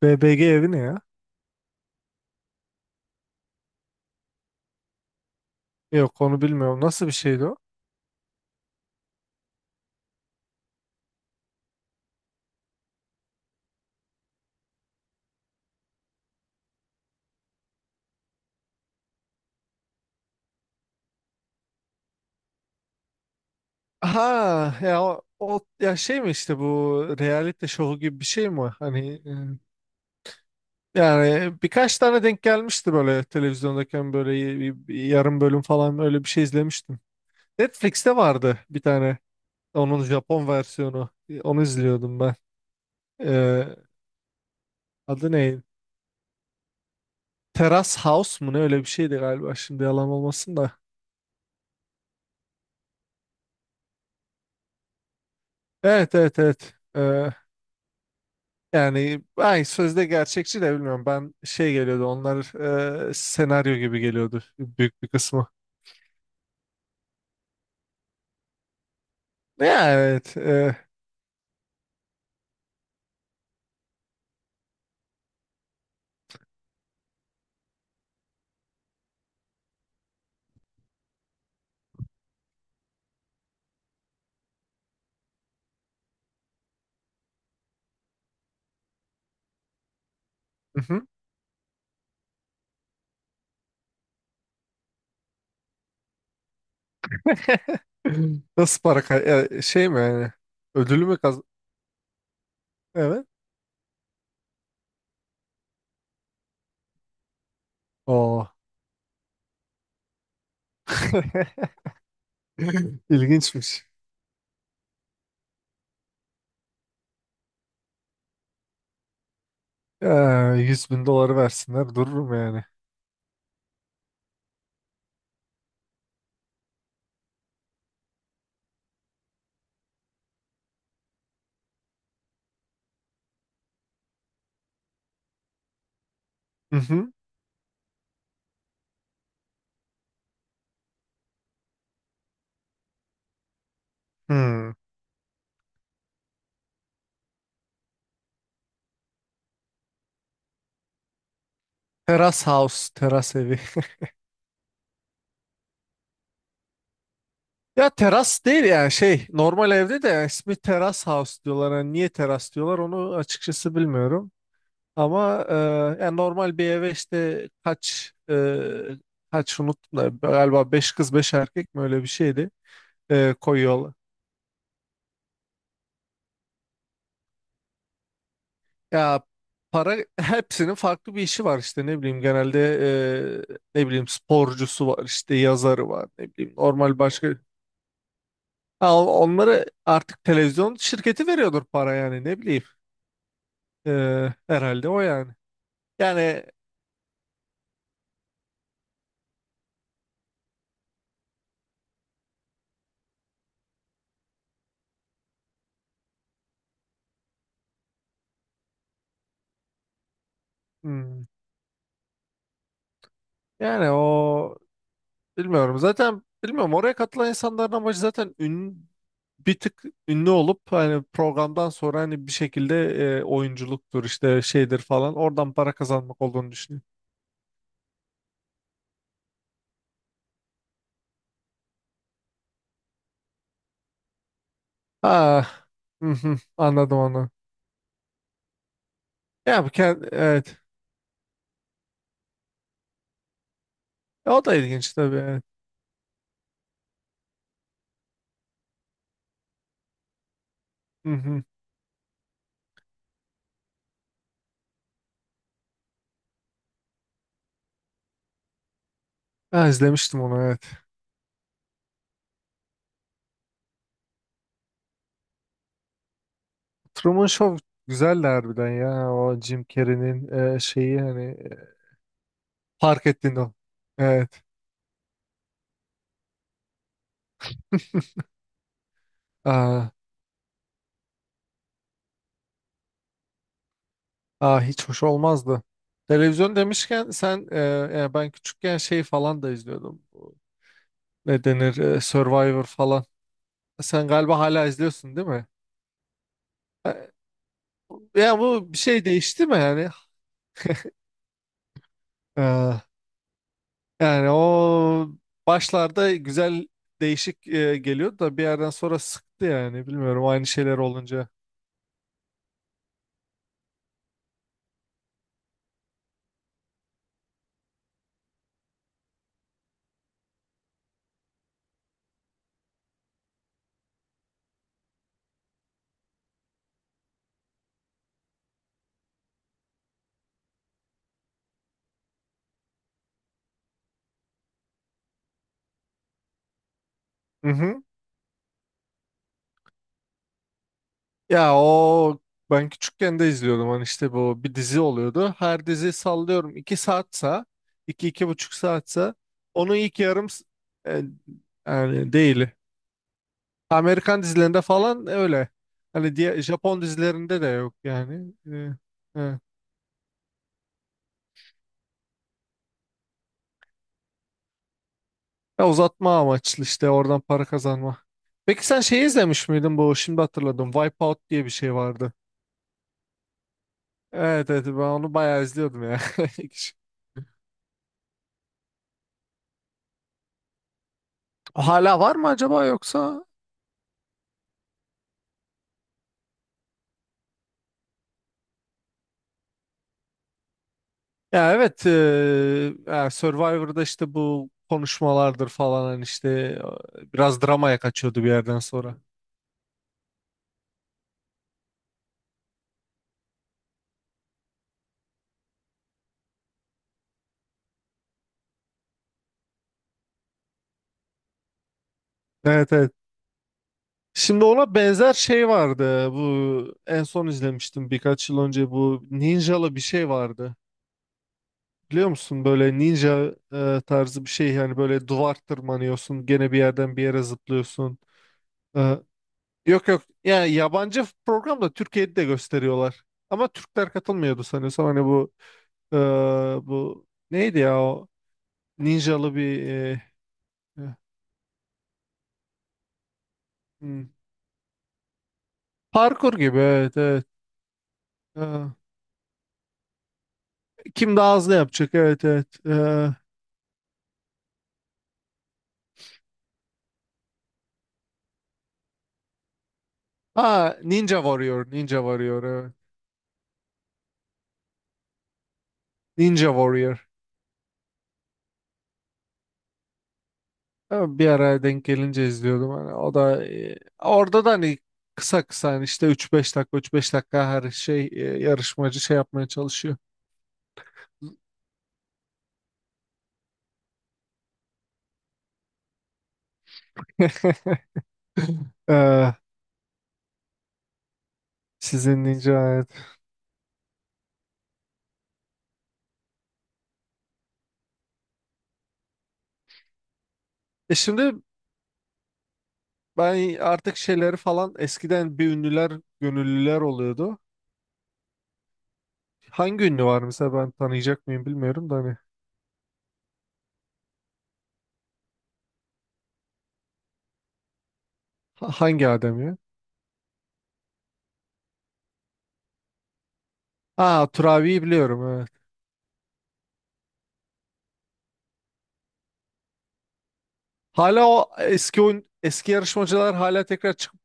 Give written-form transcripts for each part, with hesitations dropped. BBG evi ne ya? Yok, onu bilmiyorum. Nasıl bir şeydi o? Ha ya o, ya şey mi, işte bu reality show gibi bir şey mi? Hani yani birkaç tane denk gelmişti böyle televizyondayken, böyle yarım bölüm falan öyle bir şey izlemiştim. Netflix'te vardı bir tane onun Japon versiyonu. Onu izliyordum ben. E, Adı ne? Terrace House mu ne, öyle bir şeydi galiba, şimdi yalan olmasın da. Evet, evet, evet. Yani ay sözde gerçekçi de bilmiyorum. Ben şey geliyordu onlar, senaryo gibi geliyordu büyük bir kısmı. Ya evet. Hı hı. Nasıl para şey mi yani, ödülü mü Evet. Oo. İlginçmiş. Ee, 100 bin doları versinler dururum yani. Hı hı. Hmm. Teras house, teras evi. Ya teras değil yani, şey normal evde de, yani ismi teras house diyorlar. Yani niye teras diyorlar onu açıkçası bilmiyorum. Ama yani normal bir eve işte kaç unuttum da, galiba 5 kız 5 erkek mi öyle bir şeydi, koyuyorlar. Ya para, hepsinin farklı bir işi var işte, ne bileyim genelde ne bileyim sporcusu var, işte yazarı var, ne bileyim normal başka. Ha, onları artık televizyon şirketi veriyordur para yani, ne bileyim. E, Herhalde o, yani. Yani hmm, yani o, bilmiyorum. Zaten bilmiyorum. Oraya katılan insanların amacı zaten, bir tık ünlü olup hani programdan sonra, hani bir şekilde oyunculuktur işte şeydir falan, oradan para kazanmak olduğunu düşünüyorum. Ah, hı hı, anladım onu. Ya bu evet. O da ilginç tabii. Evet. Hı hı. Ha, izlemiştim onu, evet. Truman Show güzeldi harbiden ya. O Jim Carrey'nin şeyi, hani fark ettiğin o. Evet. Aa. Aa, hiç hoş olmazdı. Televizyon demişken sen, yani ben küçükken şey falan da izliyordum. Bu, ne denir, Survivor falan. Sen galiba hala izliyorsun değil mi? E, Ya bu bir şey değişti mi yani? E, Yani o başlarda güzel, değişik geliyordu da, bir yerden sonra sıktı yani. Bilmiyorum, aynı şeyler olunca. Ya o, ben küçükken de izliyordum, hani işte, bu bir dizi oluyordu. Her dizi sallıyorum 2 saatsa, 2 iki buçuk saatsa onun ilk yarım e, yani değil. Amerikan dizilerinde falan öyle. Hani diye Japon dizilerinde de yok yani. Ya uzatma amaçlı işte, oradan para kazanma. Peki sen şey izlemiş miydin, bu, şimdi hatırladım, Wipeout diye bir şey vardı. Evet, evet, ben onu bayağı izliyordum ya. Hala var mı acaba, yoksa? Ya evet, ya Survivor'da işte bu konuşmalardır falan, hani işte biraz dramaya kaçıyordu bir yerden sonra. Evet, evet. Şimdi ona benzer şey vardı. Bu en son izlemiştim birkaç yıl önce, bu ninjalı bir şey vardı. Biliyor musun, böyle ninja tarzı bir şey, yani böyle duvar tırmanıyorsun gene, bir yerden bir yere zıplıyorsun. E, Yok, yok. Yani yabancı program, da Türkiye'de de gösteriyorlar. Ama Türkler katılmıyordu sanıyorsam. Hani bu e, bu neydi ya, o ninjalı bir e, hmm. Parkur gibi, evet, evet. E, Kim daha hızlı yapacak, evet, evet. Ha, Ninja Warrior, Ninja Warrior, evet. Ninja Warrior. Bir ara denk gelince izliyordum. Hani o da orada da hani kısa kısa, hani işte üç beş dakika üç beş dakika her şey, yarışmacı şey yapmaya çalışıyor. Ee, sizin ninja hayat. Şimdi ben artık şeyleri falan, eskiden bir ünlüler, gönüllüler oluyordu. Hangi ünlü var mesela, ben tanıyacak mıyım bilmiyorum da, hani hangi adam ya? Ha, Turabi'yi biliyorum, evet. Hala o eski eski yarışmacılar hala tekrar çıkıp,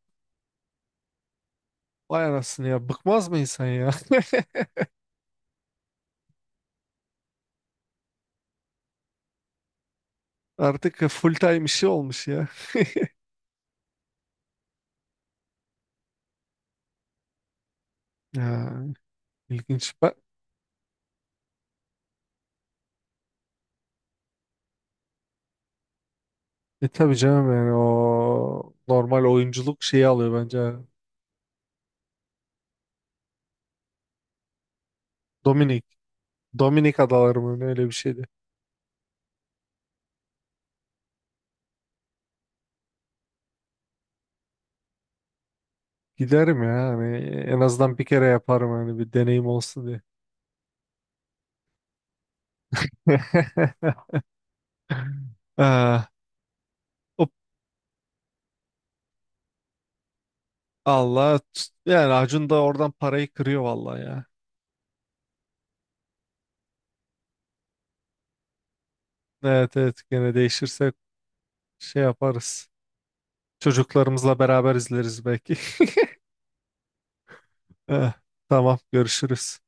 vay anasını ya, bıkmaz mı insan ya? Artık full time işi olmuş ya. Ya ilginç. Ben, tabii canım yani, o normal oyunculuk şeyi alıyor bence. Dominik. Dominik Adaları mı ne, öyle bir şeydi. Giderim ya, hani en azından bir kere yaparım, hani bir deneyim olsun diye. Ee, hop, Allah, yani Acun da oradan parayı kırıyor vallahi ya. Evet, evet, gene değişirse şey yaparız. Çocuklarımızla beraber izleriz belki. Eh, tamam, görüşürüz.